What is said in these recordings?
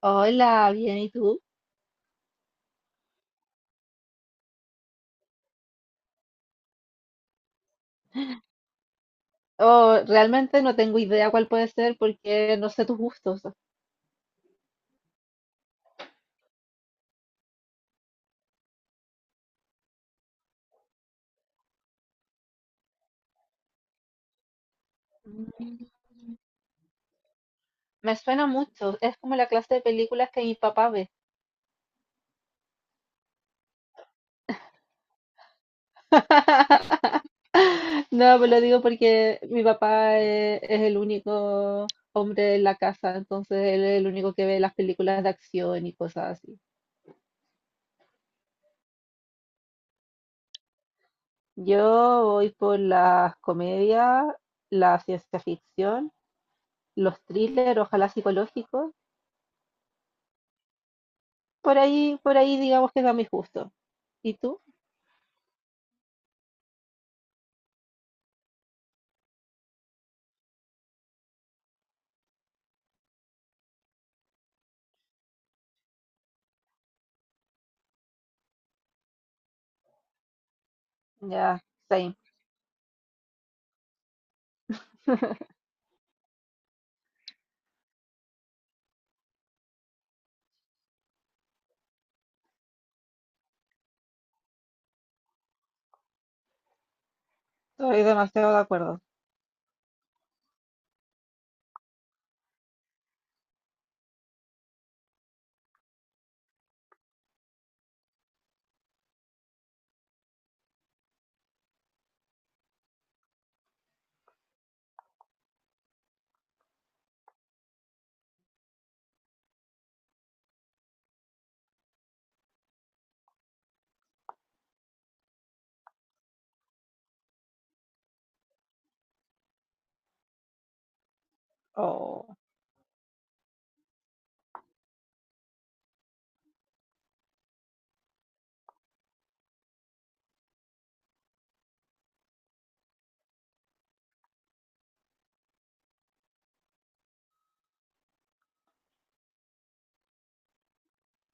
Hola, bien, ¿y tú? Oh, realmente no tengo idea cuál puede ser porque no sé tus gustos. Mm. Me suena mucho, es como la clase de películas que mi papá ve. No, me lo digo porque mi papá es, el único hombre en la casa, entonces él es el único que ve las películas de acción y cosas así. Yo voy por las comedias, la ciencia ficción, los thrillers, ojalá psicológicos. Por ahí digamos que va mi gusto. ¿Y tú? Ya, same. Estoy demasiado de acuerdo. o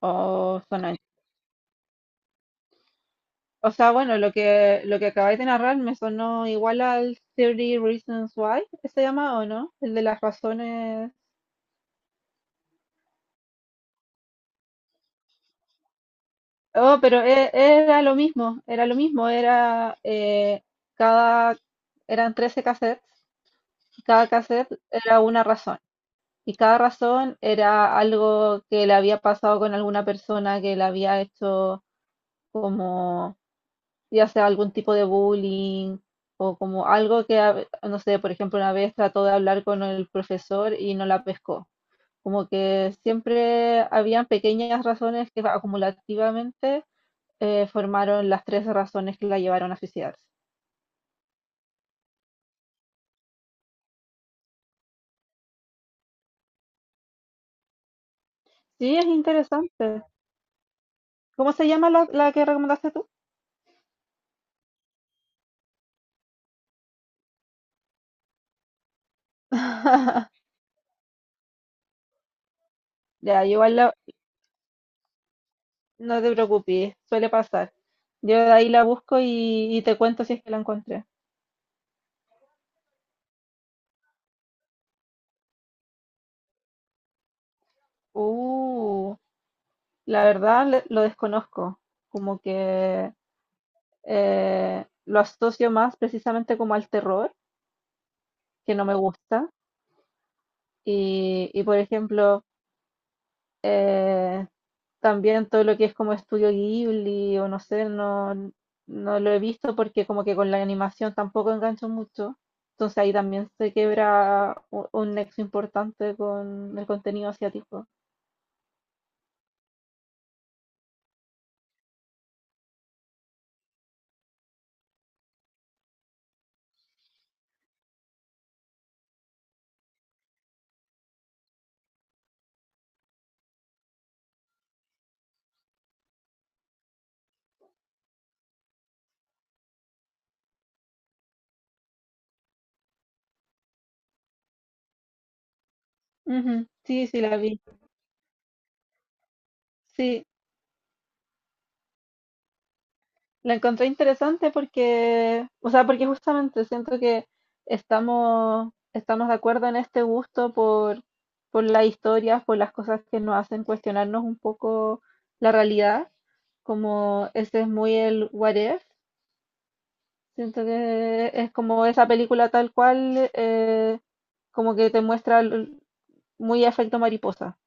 o suena- O sea, bueno, lo que acabáis de narrar me sonó igual al 30 Reasons Why, ¿se llama o no? El de las razones. Oh, pero era lo mismo, cada, eran 13 cassettes, y cada cassette era una razón, y cada razón era algo que le había pasado con alguna persona que le había hecho como ya sea algún tipo de bullying o como algo que, no sé, por ejemplo, una vez trató de hablar con el profesor y no la pescó. Como que siempre habían pequeñas razones que acumulativamente formaron las tres razones que la llevaron a suicidarse. Sí, es interesante. ¿Cómo se llama la que recomendaste tú? Ya, igual no te preocupes, suele pasar. Yo de ahí la busco y te cuento si es que la encontré. Uh. La verdad lo desconozco, como que lo asocio más precisamente como al terror, que no me gusta. Por ejemplo, eh, también todo lo que es como estudio Ghibli o no sé, no, no lo he visto porque como que con la animación tampoco engancho mucho. Entonces ahí también se quebra un nexo importante con el contenido asiático. Ujú, sí, sí, la vi. Sí, la encontré interesante porque, o sea, porque justamente siento que estamos de acuerdo en este gusto por las historias, por las cosas que nos hacen cuestionarnos un poco la realidad, como ese es muy el What If, siento que es como esa película tal cual, como que te muestra muy efecto mariposa,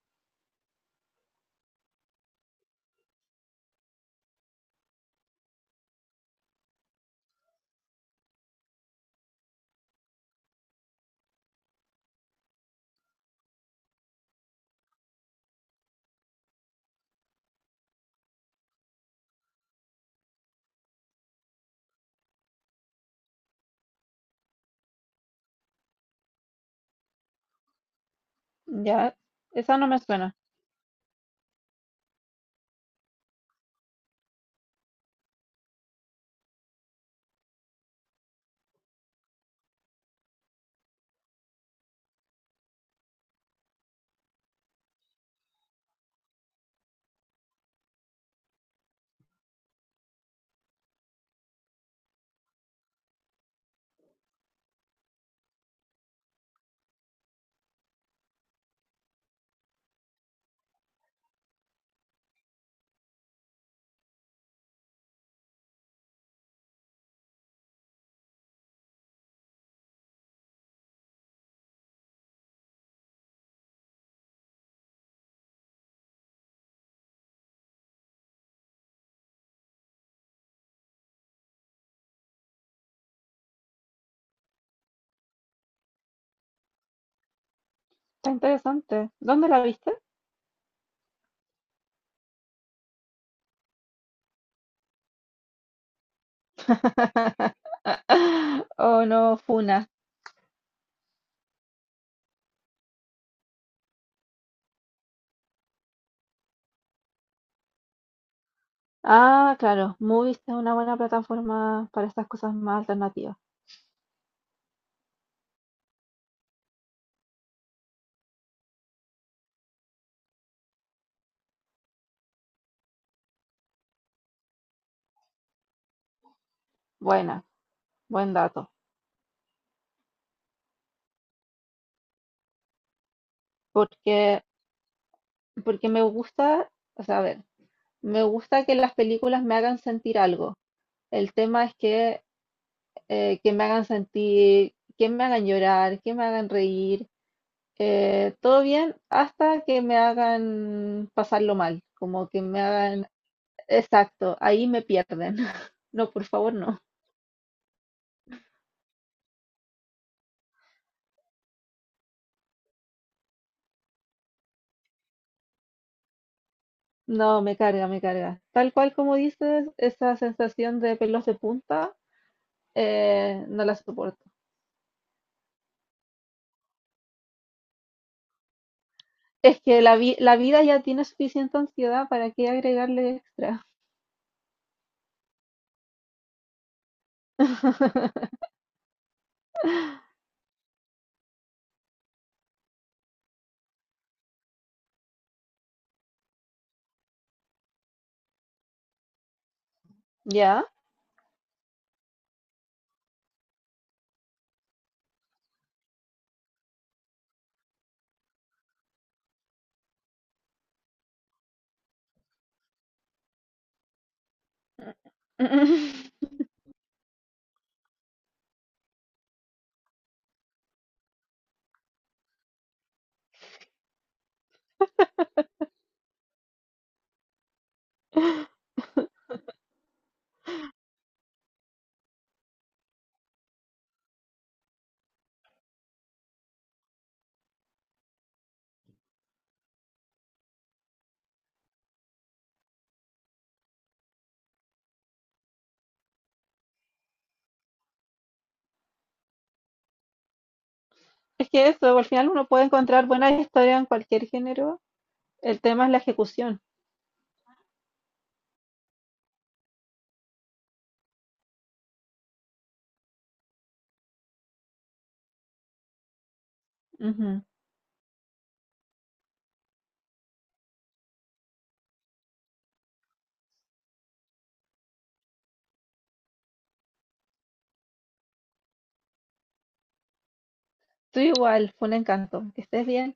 ¿ya? Esa no me suena. Está interesante. ¿Dónde la viste? ¿O no, Funa? Ah, claro, Movies es una buena plataforma para estas cosas más alternativas. Buena, buen dato. Porque, porque me gusta, o sea, a ver, me gusta que las películas me hagan sentir algo. El tema es que me hagan sentir, que me hagan llorar, que me hagan reír, todo bien, hasta que me hagan pasarlo mal, como que me hagan, exacto, ahí me pierden. No, por favor, no. No, me carga, me carga. Tal cual como dices, esa sensación de pelos de punta, no la soporto. Es que la vida ya tiene suficiente ansiedad, ¿para qué agregarle extra? Ya. Es que eso, al final uno puede encontrar buenas historias en cualquier género. El tema es la ejecución. Ujú. Tú igual, fue un encanto. Que estés bien.